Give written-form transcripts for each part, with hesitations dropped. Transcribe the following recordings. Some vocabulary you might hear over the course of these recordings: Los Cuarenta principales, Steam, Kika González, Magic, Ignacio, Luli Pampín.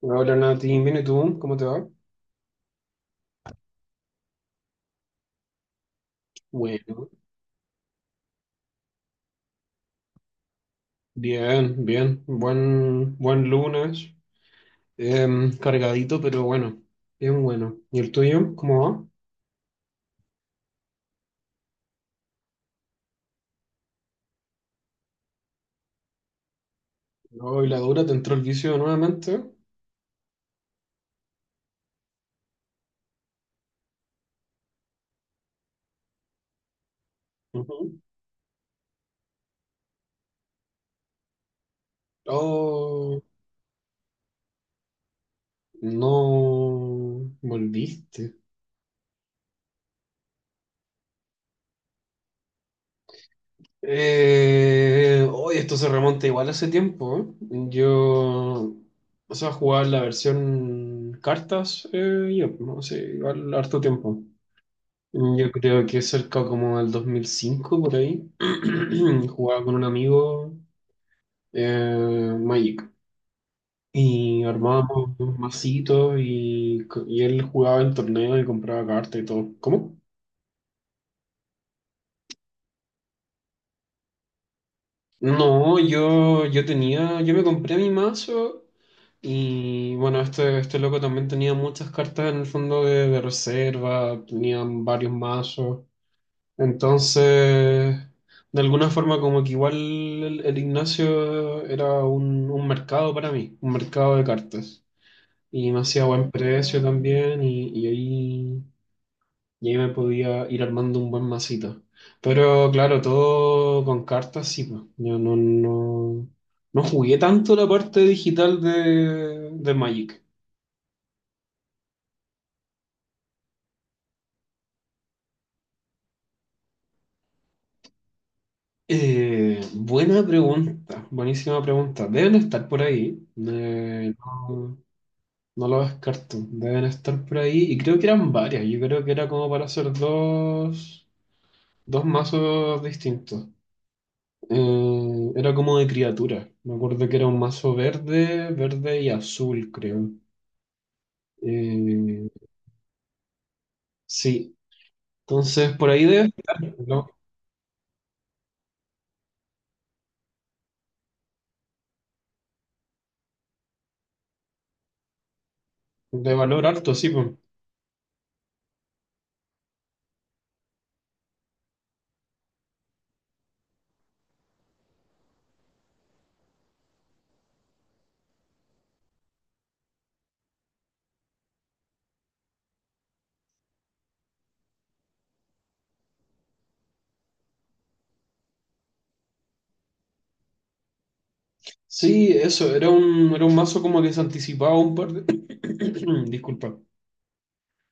Hola Nati, bien, ¿y tú? ¿Cómo te va? Bueno, bien, bien. Buen lunes. Cargadito, pero bueno. Bien bueno. ¿Y el tuyo? ¿Cómo va? No, y la dura, ¿te entró el vicio nuevamente? Ujú. Oh, no. Volviste. Hoy esto se remonta igual hace tiempo, ¿eh? Yo, o sea, jugaba la versión cartas, yo, no sé, igual harto tiempo. Yo creo que cerca como del 2005 por ahí, jugaba con un amigo Magic y armábamos masitos y, y él jugaba en torneo y compraba cartas y todo. ¿Cómo? No, yo tenía, yo me compré mi mazo y bueno, este loco también tenía muchas cartas en el fondo de reserva, tenían varios mazos. Entonces, de alguna forma como que igual el Ignacio era un mercado para mí, un mercado de cartas. Y me hacía buen precio también y ahí me podía ir armando un buen masito. Pero claro, todo con cartas, sí, pues. Yo no, no, no jugué tanto la parte digital de Magic. Buena pregunta, buenísima pregunta. Deben estar por ahí. Eh, no- No lo descarto, deben estar por ahí. Y creo que eran varias, yo creo que era como para hacer dos mazos distintos. Era como de criatura. Me acuerdo que era un mazo verde, verde y azul, creo. Eh, sí, entonces por ahí debe estar, ¿no? De valor alto, sí, pues. Sí, eso, era un mazo como que se anticipaba un par de... Disculpa,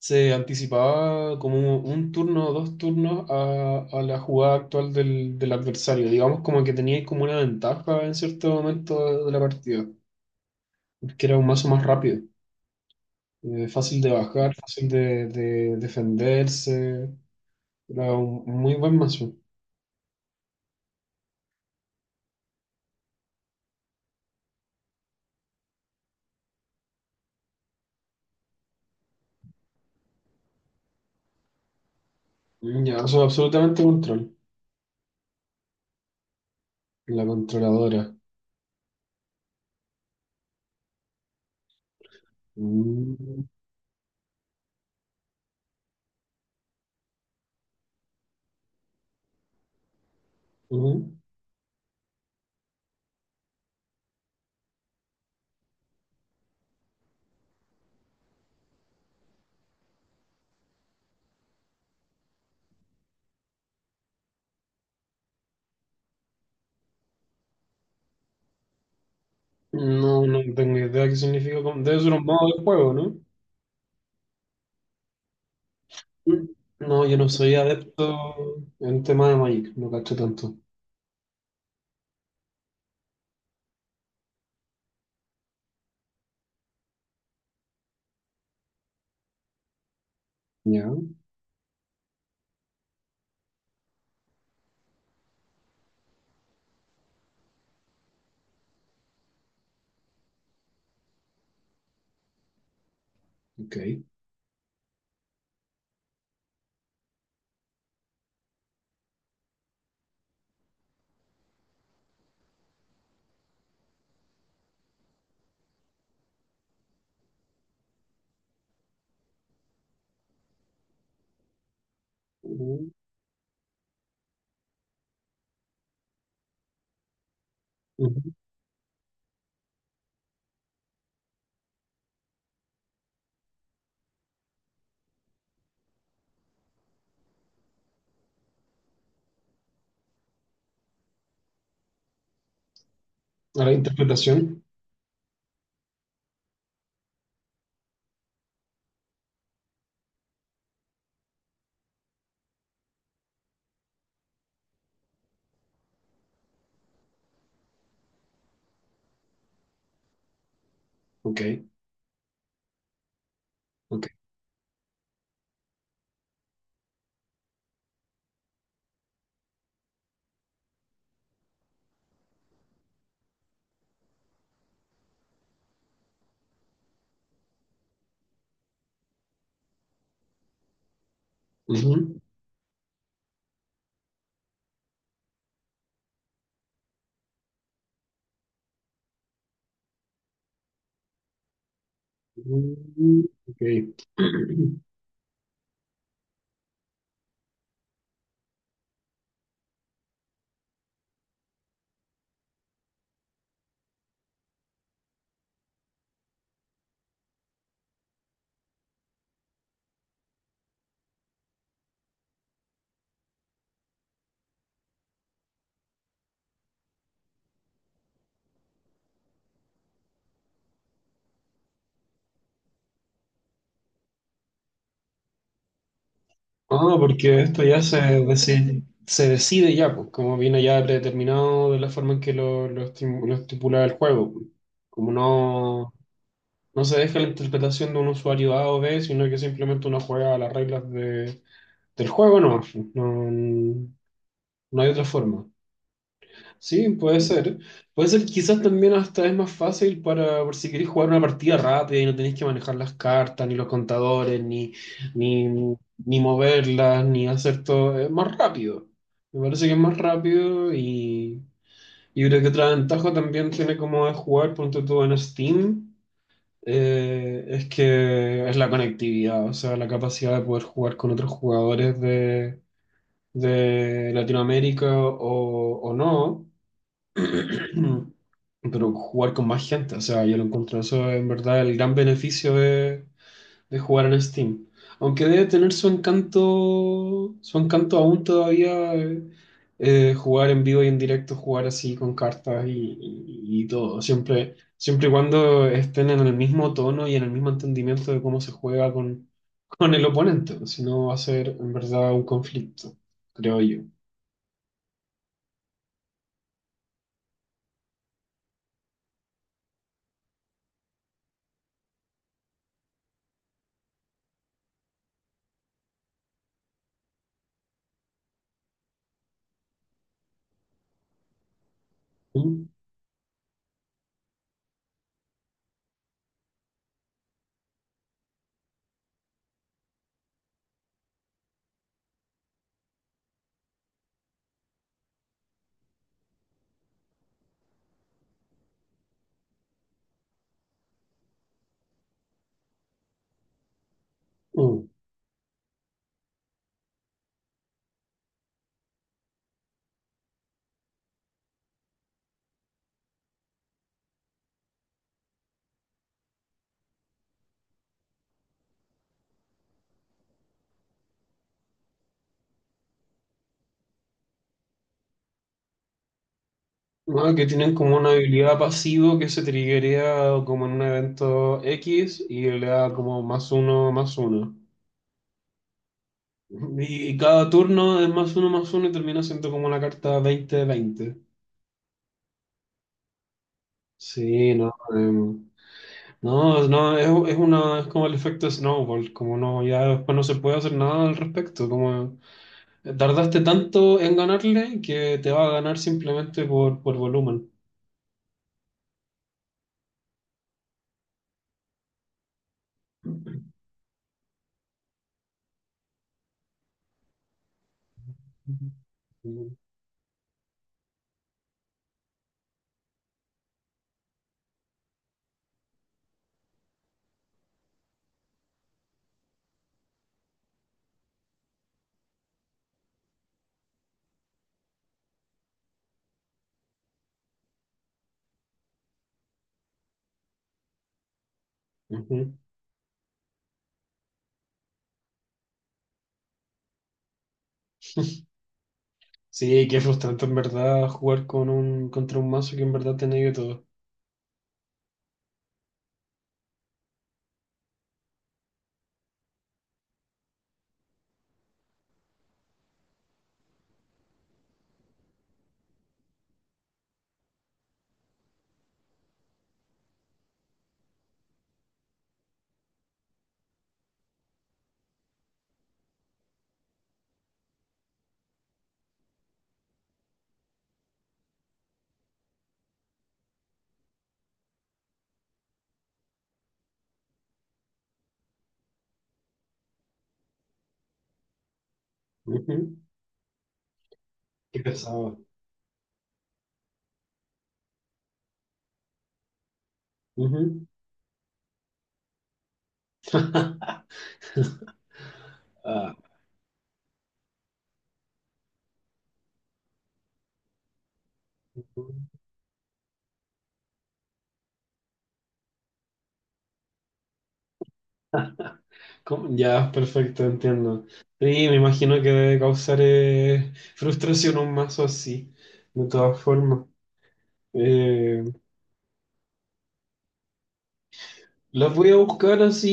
se anticipaba como un turno o dos turnos a la jugada actual del, del adversario. Digamos como que teníais como una ventaja en cierto momento de la partida, porque era un mazo más rápido, fácil de bajar, fácil de defenderse. Era un muy buen mazo. Ya, soy absolutamente control. La controladora. Mm, ujú. No, no tengo idea qué significa. Debe ser un modo de juego, ¿no? No, yo no soy adepto en tema de Magic, no cacho tanto. Ya, ok. Ujú, ujú. A la interpretación. Ok, ok. Ujú, ujú, ok. Ah, porque esto ya se decide ya, pues, como viene ya predeterminado de la forma en que lo lo estipula el juego, pues. Como no, no se deja la interpretación de un usuario A o B, sino que simplemente uno juega a las reglas del juego, no, no hay otra forma. Sí, puede ser. Puede ser que quizás también hasta es más fácil para, por si queréis jugar una partida rápida y no tenéis que manejar las cartas, ni los contadores, ni, ni moverlas, ni hacer todo. Es más rápido. Me parece que es más rápido y creo que otra ventaja también tiene como de jugar, ponte tú en Steam, es que es la conectividad, o sea, la capacidad de poder jugar con otros jugadores de Latinoamérica o no. Pero jugar con más gente, o sea, yo lo encuentro eso en verdad el gran beneficio de jugar en Steam. Aunque debe tener su encanto aún todavía jugar en vivo y en directo, jugar así con cartas y, y todo. Siempre, siempre y cuando estén en el mismo tono y en el mismo entendimiento de cómo se juega con el oponente. Si no, va a ser en verdad un conflicto, creo yo. Mm. Mm. ¿No? Que tienen como una habilidad pasivo que se triggerea como en un evento X y le da como +1/+1. Y cada turno es +1/+1 y termina siendo como una carta 20/20. Sí, no. em, no, no, Es una, es como el efecto snowball, como no, ya después no se puede hacer nada al respecto, como tardaste tanto en ganarle que te va a ganar simplemente por volumen. Ujú. Sí, qué frustrante en verdad jugar con un, contra un mazo que en verdad te negue todo. Ujú. Qué pesado. Ujú. Ah, ¿cómo? Ya, perfecto, entiendo. Sí, me imagino que debe causar frustración un mazo así, de todas formas. Eh, las voy a buscar así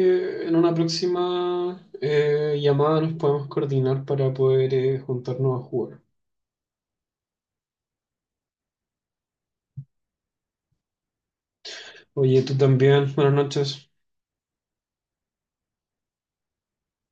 en una próxima llamada, nos podemos coordinar para poder juntarnos a jugar. Oye, tú también, buenas noches.